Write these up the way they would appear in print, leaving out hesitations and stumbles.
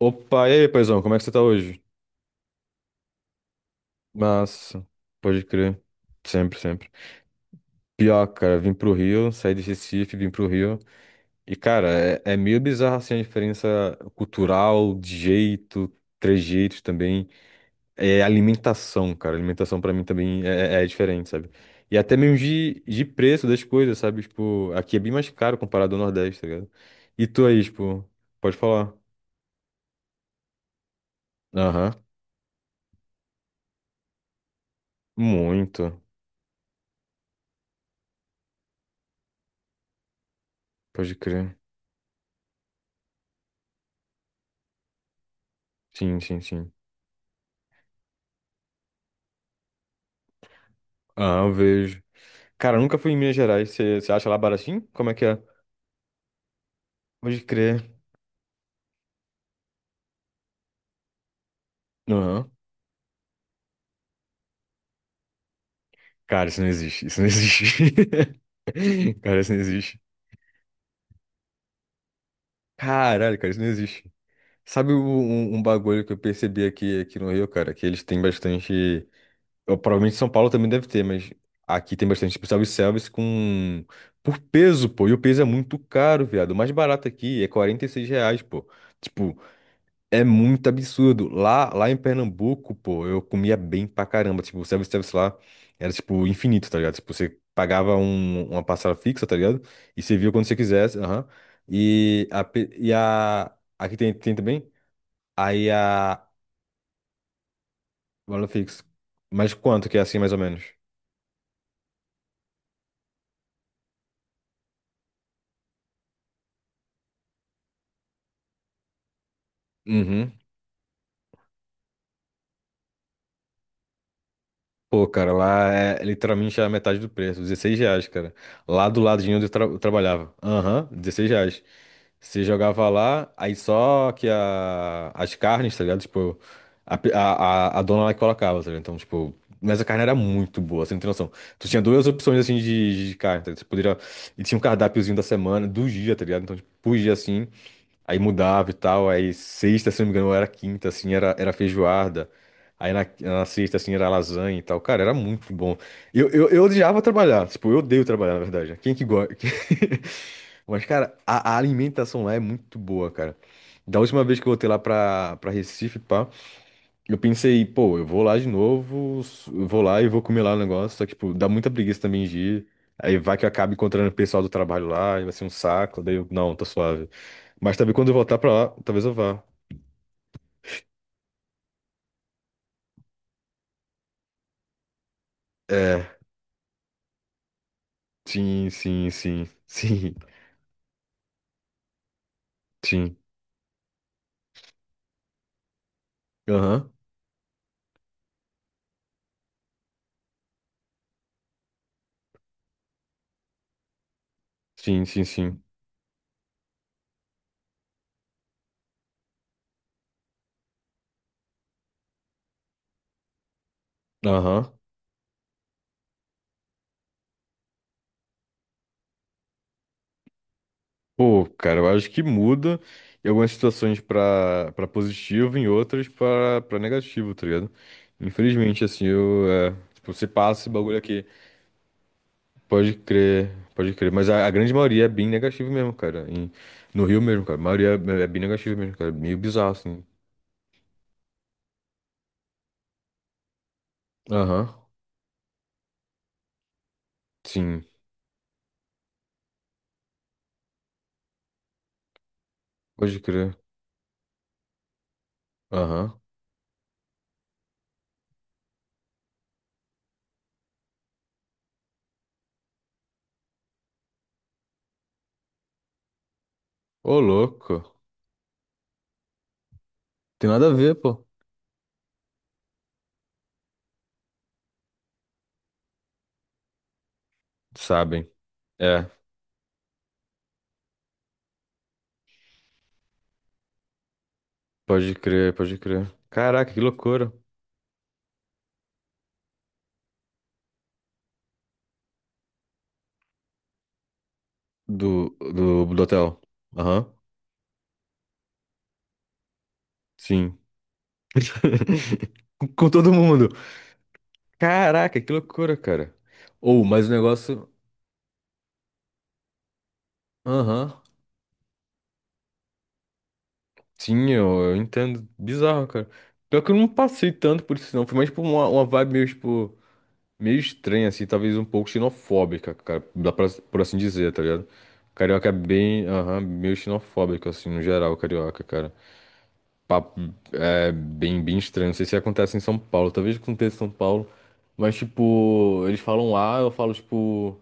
Opa, e aí, paizão, como é que você tá hoje? Massa, pode crer. Sempre, sempre. Pior, cara, vim pro Rio, saí de Recife, vim pro Rio. E, cara, é meio bizarro assim a diferença cultural, de jeito, trejeitos também. É alimentação, cara. Alimentação pra mim também é diferente, sabe? E até mesmo de preço das coisas, sabe? Tipo, aqui é bem mais caro comparado ao Nordeste, tá ligado? E tu aí, tipo, pode falar. Aham, muito. Pode crer. Sim, sim, sim. Ah, eu vejo. Cara, eu nunca fui em Minas Gerais. Você acha lá baratinho? Como é que é? Pode crer. Aham. Cara, isso não existe. Isso não existe. Cara, isso não existe. Caralho, cara, isso não existe. Sabe um bagulho que eu percebi aqui, aqui no Rio, cara? Que eles têm bastante. Eu, provavelmente São Paulo também deve ter, mas aqui tem bastante tipo, self-service com. Por peso, pô. E o peso é muito caro, viado. O mais barato aqui é R$ 46, pô. Tipo. É muito absurdo. Lá em Pernambuco, pô, eu comia bem pra caramba. Tipo, o self-service lá era, tipo, infinito, tá ligado? Tipo, você pagava uma parcela fixa, tá ligado? E você via quando você quisesse, aham. E a... Aqui tem, tem também? Aí a... Valor fixo. Mas quanto que é assim, mais ou menos? Uhum. Pô, cara, lá é literalmente a metade do preço, R$ 16, cara. Lá do ladinho onde eu trabalhava. Aham, R$ 16. Você jogava lá, aí só que a, as carnes, tá ligado? Tipo, a, pe- a dona lá que colocava, tá ligado? Então, tipo, mas a carne era muito boa, você não tem noção. Tu tinha duas opções, assim, de carne, tá ligado? Você poderia... E tinha um cardápiozinho da semana, do dia, tá ligado? Então, tipo, por dia, assim, aí mudava e tal. Aí sexta, se não me engano, ou era quinta, assim, era feijoada. Aí na sexta, assim, era lasanha e tal. Cara, era muito bom. Eu odiava trabalhar, tipo, eu odeio trabalhar, na verdade. Quem que gosta? Mas, cara, a alimentação lá é muito boa, cara. Da última vez que eu voltei lá pra Recife, pá, eu pensei, pô, eu vou lá de novo, eu vou lá e vou comer lá o negócio. Só que, tipo, dá muita preguiça também de ir. Aí vai que eu acabo encontrando o pessoal do trabalho lá, e vai ser um saco. Daí eu, não, tá suave. Mas também quando eu voltar pra lá, talvez eu vá. É, sim, sim, sim, sim, sim. Aham, sim, sim, sim. Aham. Pô, cara, eu acho que muda em algumas situações pra positivo, em outras pra negativo, tá ligado? Infelizmente, assim, eu, é, tipo, você passa esse bagulho aqui. Pode crer, pode crer. Mas a grande maioria é bem negativo mesmo, cara. No Rio mesmo, cara. A maioria é bem negativo mesmo, cara. Meio bizarro, assim. Aham, sim. Pode crer. Aham. Ô, louco. Tem nada a ver, pô. Sabem. É, pode crer, pode crer. Caraca, que loucura. Do hotel. Aham. Sim. Com todo mundo. Caraca, que loucura, cara. Ou, mas o negócio. Aham. Sim, eu entendo. Bizarro, cara. Pior que eu não passei tanto por isso, não. Foi mais por uma vibe meio, tipo, meio estranha, assim, talvez um pouco xenofóbica, cara. Dá pra, por assim dizer, tá ligado? Carioca é bem, aham, meio xenofóbico, assim, no geral, carioca, cara. Papo é bem, bem estranho. Não sei se acontece em São Paulo. Talvez aconteça em São Paulo. Mas, tipo, eles falam A, eu falo, tipo.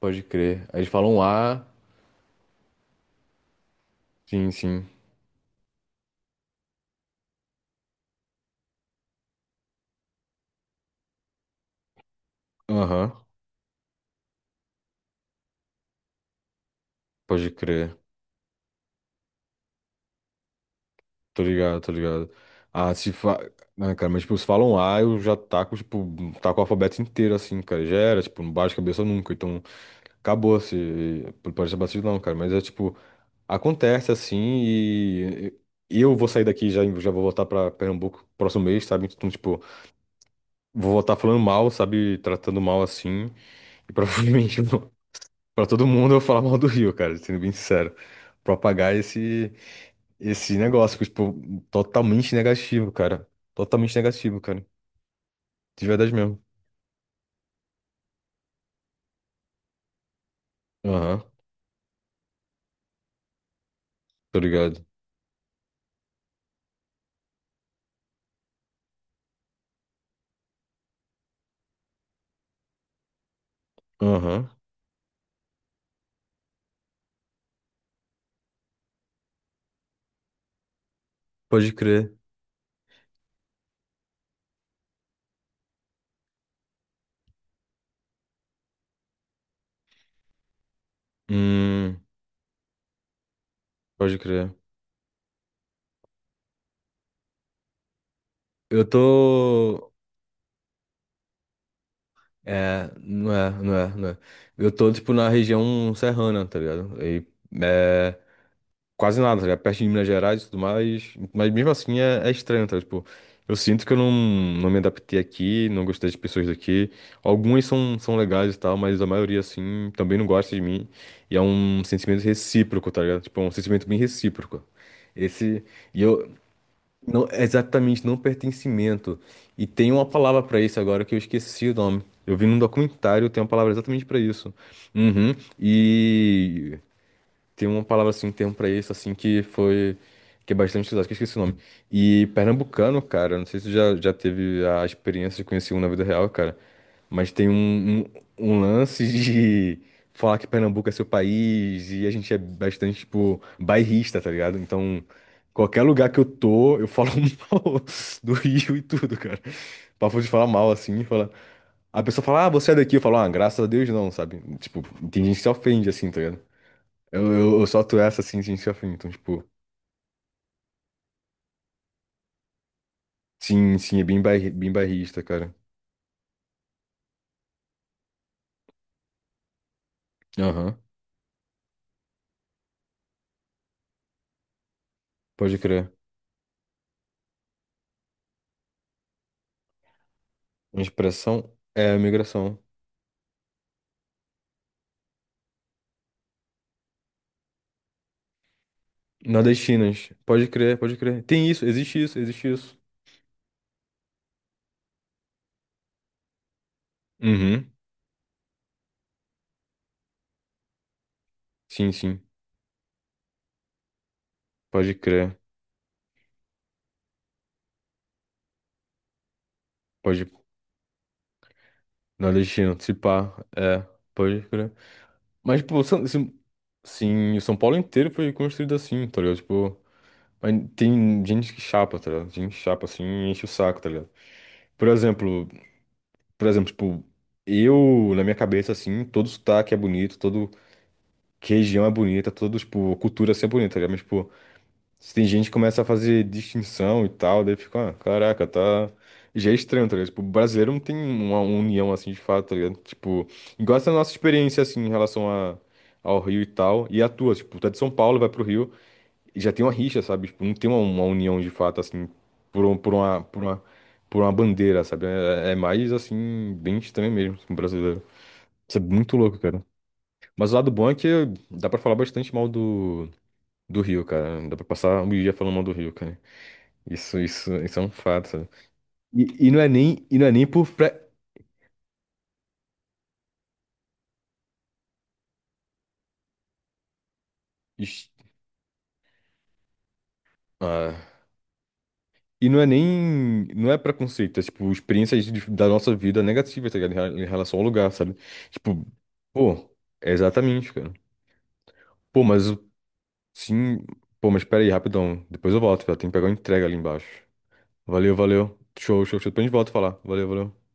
Pode crer. Aí eles falam um A. Sim, sim. Aham. Pode crer. Tô ligado, tô ligado. Ah, se fa... Ah, cara, mas, tipo, se falam A, eu já taco, tipo, taco o alfabeto inteiro, assim, cara. Já era, tipo, não bate cabeça nunca. Então, acabou, se... Pode ser batido não, cara. Mas é, tipo, acontece, assim, e... E eu vou sair daqui já, já vou voltar pra Pernambuco próximo mês, sabe? Então, tipo, vou voltar falando mal, sabe? Tratando mal assim. E provavelmente pra todo mundo eu falar mal do Rio, cara, sendo bem sincero. Propagar esse negócio, que, tipo, totalmente negativo, cara. Totalmente negativo, cara. De verdade mesmo. Aham, tô ligado. Aham, pode crer. Hum, pode crer. Eu tô. É, não é, não é, não é. Eu tô, tipo, na região serrana, tá ligado? E, é, quase nada, tá ligado? Perto de Minas Gerais e tudo mais. Mas mesmo assim é, é estranho, tá? Tipo, eu sinto que eu não, não me adaptei aqui, não gostei das pessoas daqui. Algumas são, são legais e tal, mas a maioria, assim, também não gosta de mim. E é um sentimento recíproco, tá ligado? Tipo, é um sentimento bem recíproco. Esse. E eu. Não, é exatamente, não pertencimento. E tem uma palavra pra isso agora que eu esqueci o nome. Eu vi num documentário, tem uma palavra exatamente pra isso. Uhum. E. Tem uma palavra assim, um termo pra isso, assim, que foi. Que é bastante utilizado, que eu esqueci o nome. E pernambucano, cara, não sei se tu já teve a experiência de conhecer um na vida real, cara, mas tem um lance de falar que Pernambuco é seu país e a gente é bastante, tipo, bairrista, tá ligado? Então, qualquer lugar que eu tô, eu falo mal do Rio e tudo, cara. Papo de falar mal, assim, fala. A pessoa fala, ah, você é daqui, eu falo, ah, graças a Deus não, sabe? Tipo, tem gente que se ofende, assim, tá ligado? Eu solto essa assim, sim, sim, afim. Então, tipo, sim, sim, é bem, bem bairrista, cara. Aham, pode crer. Expressão é migração. Nordestinas, pode crer, pode crer. Tem isso, existe isso, existe isso. Uhum, sim, sim, pode crer, pode. Nordestino, se pá, é, pode crer. Mas, pô, São, se- sim, o São Paulo inteiro foi construído assim, tá ligado? Tipo, mas tem gente que chapa, tá ligado? Gente que chapa assim e enche o saco, tá ligado? Por exemplo. Por exemplo, tipo, eu, na minha cabeça, assim, todo sotaque é bonito, todo que região é bonita, todo, tipo, cultura assim é bonita, tá ligado? Mas, tipo, se tem gente que começa a fazer distinção e tal, daí fica, ah, caraca, tá. Já é estranho, tá ligado? Tipo, o brasileiro não tem uma união assim de fato, tá ligado? Tipo, igual essa nossa experiência, assim, em relação a, ao Rio e tal, e a tua, tipo, tu é de São Paulo, vai pro Rio já tem uma rixa, sabe? Tipo, não tem uma união de fato, assim, por, um- por uma, por uma, por uma bandeira, sabe? É, é mais, assim, bem estranho mesmo, assim, brasileiro. Isso é muito louco, cara. Mas o lado bom é que dá pra falar bastante mal do Rio, cara. Dá pra passar um dia falando mal do Rio, cara. Isso é um fato, sabe? E, e não é nem por pré... Ixi, ah. Não é preconceito, é tipo, experiências da nossa vida negativas, tá ligado? Em relação ao lugar, sabe? Tipo, pô, é exatamente, cara. Pô, mas o- sim. Pô, mas espera aí, rapidão. Depois eu volto, velho. Tem que pegar uma entrega ali embaixo. Valeu, valeu. Show, show, show. Depois a gente volta a falar. Valeu, valeu.